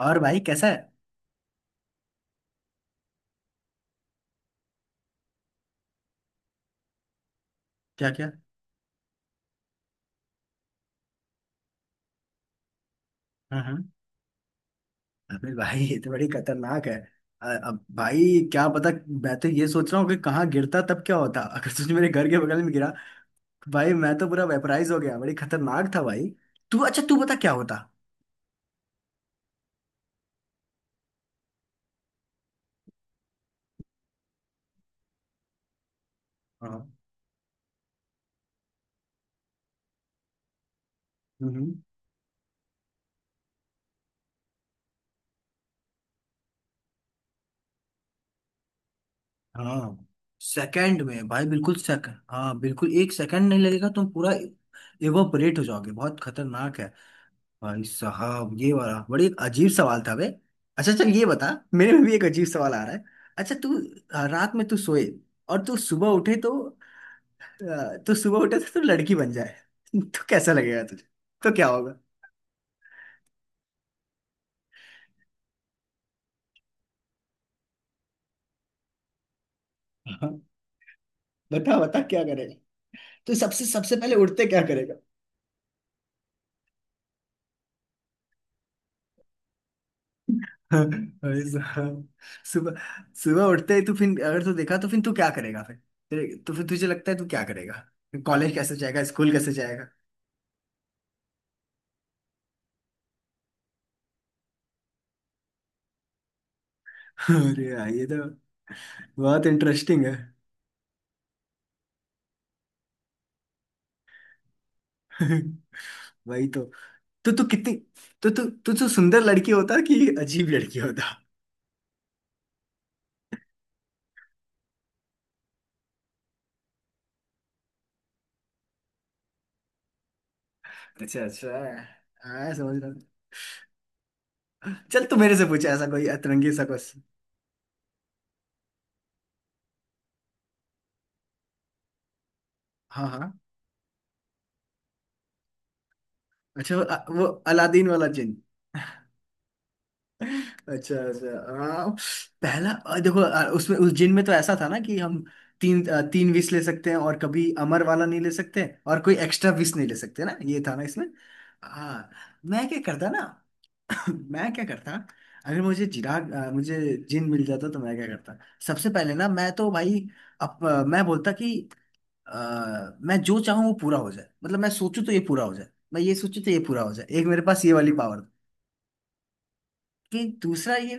और भाई कैसा है। क्या क्या। हाँ हाँ। अबे भाई, ये तो बड़ी खतरनाक है। अब भाई। क्या पता। मैं तो ये सोच रहा हूँ कि कहाँ गिरता, तब क्या होता। अगर तुझे मेरे घर के बगल में गिरा तो भाई मैं तो पूरा वेपराइज हो गया। बड़ी खतरनाक था भाई। तू, अच्छा तू बता क्या होता। हाँ। हम्म। हाँ। सेकंड में भाई, बिल्कुल सेकंड। हाँ बिल्कुल, एक सेकंड नहीं लगेगा, तुम पूरा इवोपरेट हो जाओगे। बहुत खतरनाक है। भाई साहब, ये वाला बड़ी एक अजीब सवाल था बे। अच्छा चल ये बता। मेरे में भी एक अजीब सवाल आ रहा है। अच्छा तू। रात में तू सोए और तू सुबह उठे तो। तू सुबह उठे तो तू लड़की बन जाए तो कैसा लगेगा तुझे। तो क्या होगा। हाँ, बता बता क्या करेगा। तो सबसे सबसे पहले उठते क्या करेगा। हाँ, भाई साहब। सुबह, सुबह उठते ही तू फिर, अगर तू देखा तो फिर तू क्या करेगा फिर। तो फिर तुझे लगता है तू क्या करेगा। कॉलेज कैसे जाएगा, स्कूल कैसे जाएगा। अरे यार, ये तो बहुत इंटरेस्टिंग है। वही तो। तो तू कितनी। तो तू तू तू सुंदर लड़की होता कि अजीब लड़की होता। अच्छा अच्छा। हाँ समझ रहा हूँ। चल तू मेरे से पूछ ऐसा कोई अतरंगी सा क्वेश्चन। हाँ हाँ। अच्छा वो अलादीन वाला जिन। अच्छा अच्छा हाँ। पहला, देखो, उसमें उस जिन में तो ऐसा था ना कि हम तीन विश ले सकते हैं, और कभी अमर वाला नहीं ले सकते, और कोई एक्स्ट्रा विश नहीं ले सकते ना, ये था ना इसमें। हाँ। मैं क्या करता ना। मैं क्या करता। अगर मुझे जिन मिल जाता तो मैं क्या करता। सबसे पहले ना मैं तो भाई, अब मैं बोलता कि मैं जो चाहूँ वो पूरा हो जाए, मतलब मैं सोचूं तो ये पूरा हो जाए। मैं ये सोचूं तो ये पूरा हो जाए, एक मेरे पास ये वाली पावर। कि दूसरा ये।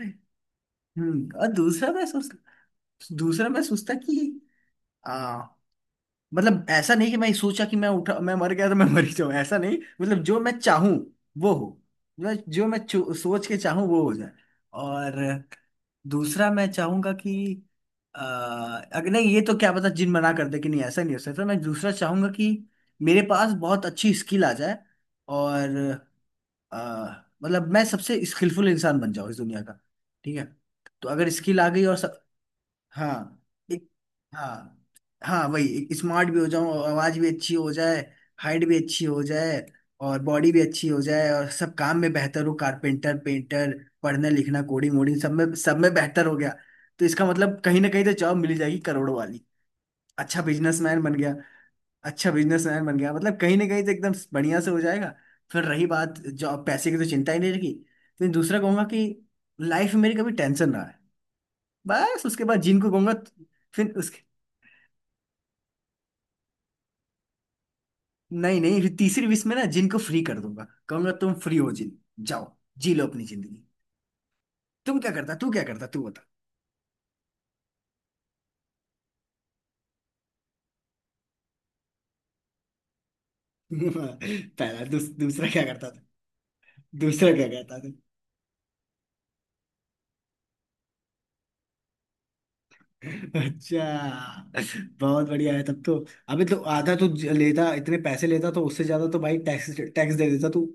और दूसरा मैं सोचता। दूसरा मैं सोचता कि आ, मतलब ऐसा नहीं कि मैं सोचा कि मैं उठा मैं मर गया तो मैं मर ही जाऊं, ऐसा नहीं, मतलब जो मैं चाहूं वो हो। मतलब जो मैं सोच के चाहूं वो हो जाए। और दूसरा मैं चाहूंगा कि आ, अगर नहीं ये तो क्या पता जिन मना कर दे कि नहीं ऐसा नहीं हो सकता, मैं दूसरा चाहूंगा कि मेरे पास बहुत अच्छी स्किल आ जाए। और आ, मतलब मैं सबसे स्किलफुल इंसान बन जाऊं इस दुनिया का। ठीक है। तो अगर स्किल आ गई और सब। हाँ। एक। हाँ। हाँ वही स्मार्ट भी हो जाऊं, आवाज भी अच्छी हो जाए, हाइट भी अच्छी हो जाए, और बॉडी भी अच्छी हो जाए, और सब काम में बेहतर हो, कारपेंटर, पेंटर, पढ़ने लिखना, कोडिंग वोडिंग, सब में बेहतर हो गया। तो इसका मतलब कहीं ना कहीं तो जॉब मिल जाएगी करोड़ों वाली। अच्छा बिजनेसमैन बन गया। अच्छा बिजनेसमैन बन गया, मतलब कहीं ना कहीं तो एकदम बढ़िया से हो जाएगा। फिर रही बात जॉब पैसे की, तो चिंता ही नहीं रहेगी। फिर दूसरा कहूंगा कि लाइफ में मेरी कभी टेंशन ना है। बस उसके बाद जिनको कहूंगा। फिर उसके, नहीं नहीं, फिर तीसरी विश में ना जिन को फ्री कर दूंगा, कहूंगा तुम फ्री हो जिन, जाओ, जी लो अपनी जिंदगी। तुम क्या करता तू क्या करता, तू बता पहला दूसरा क्या करता था। दूसरा क्या करता था। अच्छा। बहुत बढ़िया है तब तो। अबे तो आधा तो लेता, इतने पैसे लेता तो उससे ज्यादा तो भाई टैक्स टैक्स दे देता तू।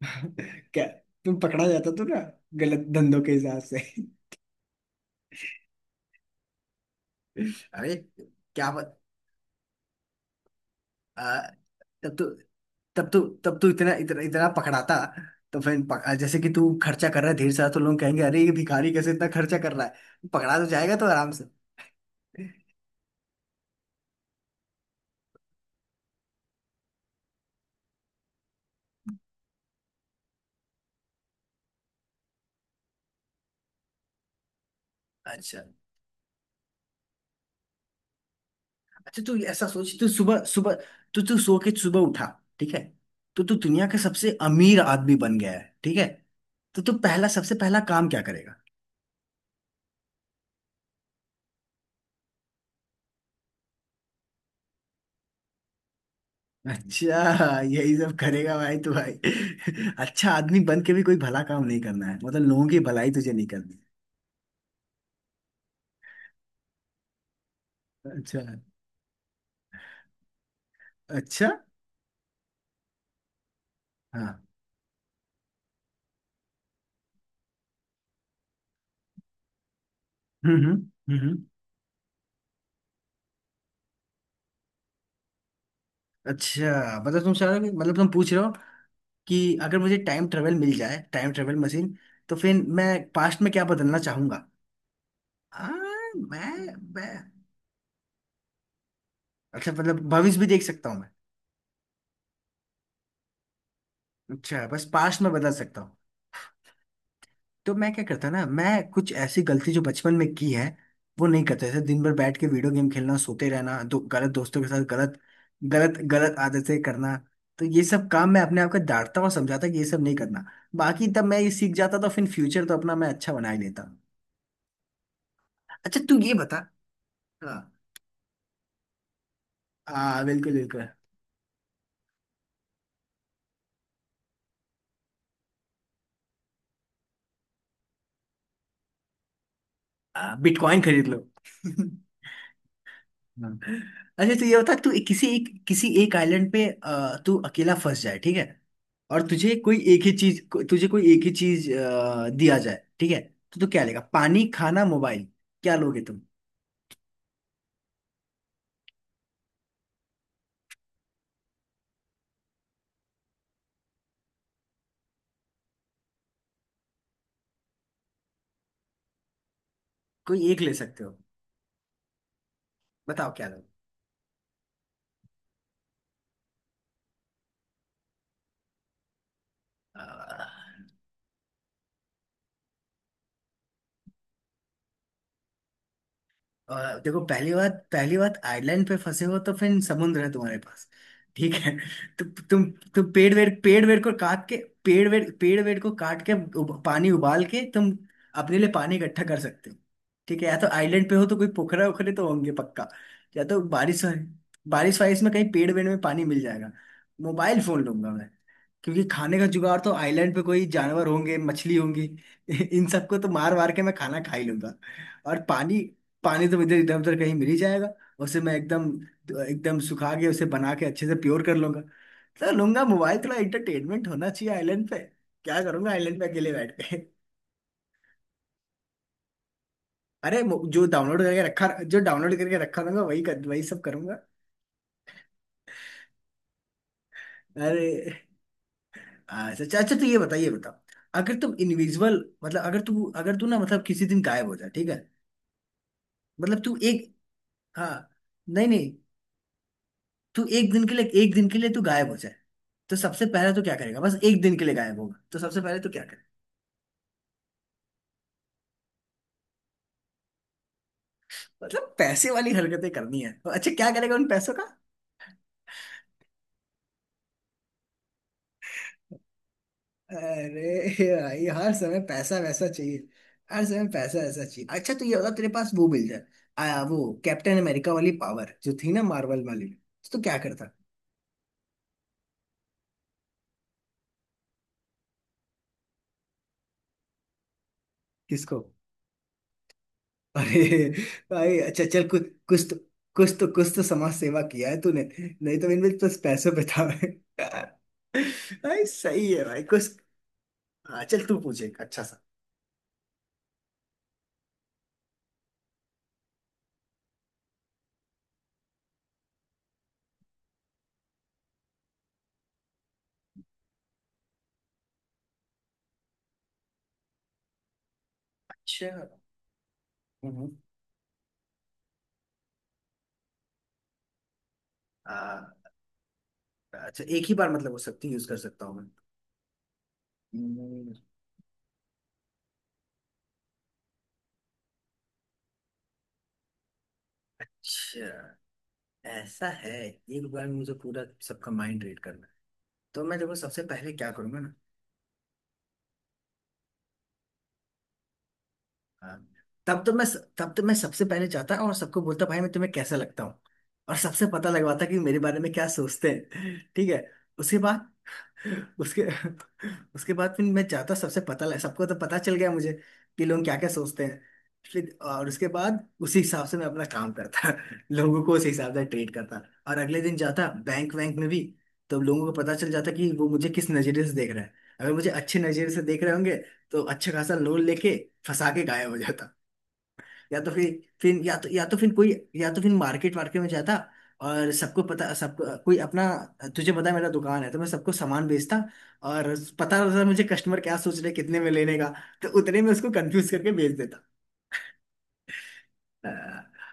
क्या। तुम पकड़ा जाता तू ना, गलत धंधों के हिसाब से। अरे। क्या। आ, तब तो, तब तो, तब तो इतना इतना इतना पकड़ाता। तो फिर जैसे कि तू खर्चा कर रहा है ढेर सारा, तो लोग कहेंगे अरे ये भिखारी कैसे इतना खर्चा कर रहा है, पकड़ा तो जाएगा तो आराम से। अच्छा अच्छा, तू ऐसा सोच, तू सुबह सुबह, तू तू सो के सुबह उठा, ठीक है। तो तू दुनिया का सबसे अमीर आदमी बन गया है, ठीक है। तो तू पहला, सबसे पहला काम क्या करेगा। अच्छा यही सब करेगा भाई तू भाई। अच्छा आदमी बन के भी कोई भला काम नहीं करना है, मतलब लोगों की भलाई तुझे नहीं करनी है। अच्छा। अच्छा। हाँ। हम्म। हम्म। हम्म। अच्छा मतलब तुम चाह रहे हो मतलब तुम पूछ रहे हो कि अगर मुझे टाइम ट्रेवल मिल जाए, टाइम ट्रेवल मशीन, तो फिर मैं पास्ट में क्या बदलना चाहूंगा। आ, मैं। अच्छा मतलब भविष्य भी देख सकता हूँ मैं। अच्छा बस पास्ट में बदल सकता हूँ। तो मैं क्या करता ना, मैं कुछ ऐसी गलती जो बचपन में की है वो नहीं करता, जैसे दिन भर बैठ के वीडियो गेम खेलना, सोते रहना, दो गलत दोस्तों के साथ, गलत गलत गलत आदतें करना। तो ये सब काम मैं अपने आप को डांटता और समझाता कि ये सब नहीं करना। बाकी तब मैं ये सीख जाता तो फिर फ्यूचर तो अपना मैं अच्छा बना ही लेता। अच्छा तू ये बता। हाँ। बिल्कुल बिल्कुल। हाँ, बिटकॉइन खरीद लो हाँ। अच्छा तो ये बता, तू किसी एक, किसी एक आइलैंड पे तू अकेला फंस जाए, ठीक है। और तुझे कोई एक ही चीज को, तुझे कोई एक ही चीज दिया जाए, ठीक है। तो तू क्या लेगा, पानी, खाना, मोबाइल। क्या लोगे तुम। कोई एक ले सकते हो। बताओ क्या लोगे। और देखो, पहली बात, पहली बात, आइलैंड पे फंसे हो तो फिर समुद्र है तुम्हारे पास, ठीक है। तो तुम तुम पेड़ वेड़, पेड़ वेड़ को काट के, पेड़ वेड़, पेड़ वेड़ को काट के, पानी उबाल के तुम अपने लिए पानी इकट्ठा कर सकते हो, ठीक है। या तो आइलैंड पे हो तो कोई पोखरा ओखरे तो होंगे पक्का। या तो बारिश, बारिश वारिश में कहीं पेड़ वेड़ में पानी मिल जाएगा। मोबाइल फोन लूंगा मैं, क्योंकि खाने का जुगाड़ तो आइलैंड पे कोई जानवर होंगे, मछली होंगी। इन सबको तो मार मार के मैं खाना खा ही लूंगा। और पानी, पानी तो इधर इधर उधर कहीं मिल ही जाएगा, उसे मैं एकदम, एकदम सुखा के उसे बना के अच्छे से प्योर कर लूंगा। तो लूंगा मोबाइल, थोड़ा एंटरटेनमेंट होना चाहिए आइलैंड पे। क्या करूंगा आइलैंड पे अकेले बैठ के अरे जो डाउनलोड करके रखा, जो डाउनलोड करके रखा रहूंगा, वही कर, वही सब करूंगा। अरे। हाँ, अच्छा अच्छा तो ये बताइए, ये बताओ, अगर तुम इनविजिबल, मतलब अगर तू ना, मतलब किसी दिन गायब हो जाए, ठीक है। मतलब तू एक, हाँ, नहीं नहीं, तू एक दिन के लिए, एक दिन के लिए तू गायब हो जाए, तो सबसे पहले तो क्या करेगा, बस एक दिन के लिए गायब होगा तो सबसे पहले तो क्या करे। मतलब पैसे वाली हरकतें करनी है, तो अच्छा क्या करेगा उन पैसों का। अरे भाई हर समय पैसा वैसा चाहिए। हर समय पैसा वैसा चाहिए। अच्छा तो ये होगा तेरे पास, वो मिल जाए, वो कैप्टन अमेरिका वाली पावर जो थी ना, मार्वल वाली, तो क्या करता। किसको। अरे भाई, अच्छा चल कुछ, कुछ तो, कुछ तो कुछ तो समाज सेवा किया है तूने, नहीं तो इनमें बस पैसे बिता है। भाई सही है भाई कुछ। हाँ, चल तू पूछे एक अच्छा सा। अच्छा। हम्म। हाँ। अच्छा एक ही बार मतलब वो शक्ति यूज कर सकता हूँ मैं। हम्म। अच्छा ऐसा है, एक बार मुझे पूरा सबका माइंड रीड करना है, तो मैं देखो सबसे पहले क्या करूंगा। हाँ। तब तो मैं तब तो मैं सबसे पहले जाता और सबको बोलता भाई मैं तुम्हें कैसा लगता हूँ, और सबसे पता लगवाता कि मेरे बारे में क्या सोचते हैं, ठीक है। उसके बाद, उसके उसके बाद फिर मैं जाता सबसे पता लग, सबको तो पता चल गया मुझे कि लोग क्या क्या सोचते हैं। फिर और उसके बाद उसी हिसाब से मैं अपना काम करता, लोगों को उसी हिसाब से ट्रीट करता। और अगले दिन जाता बैंक वैंक में भी, तो लोगों को पता चल जाता कि वो मुझे किस नजरिए से देख रहा है। अगर मुझे अच्छे नजरिए से देख रहे होंगे तो अच्छा खासा लोन लेके फंसा के गायब हो, या तो फिर या तो फिर कोई, या तो फिर मार्केट वार्केट में जाता और सबको पता, सबको कोई अपना, तुझे पता है मेरा दुकान है, तो मैं सबको सामान बेचता, और पता रहता मुझे कस्टमर क्या सोच रहे, कितने में लेने का, तो उतने में उसको कंफ्यूज करके बेच देता। अ,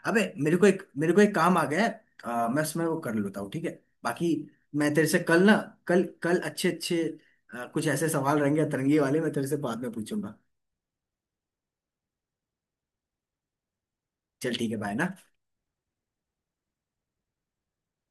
अबे मेरे को एक काम आ गया है, मैं उसमें वो कर लेता हूँ, ठीक है। बाकी मैं तेरे से कल ना, कल कल अच्छे अच्छे, कुछ ऐसे सवाल रहेंगे अतरंगी वाले, मैं तेरे से बाद में पूछूंगा। चल ठीक है, बाय ना।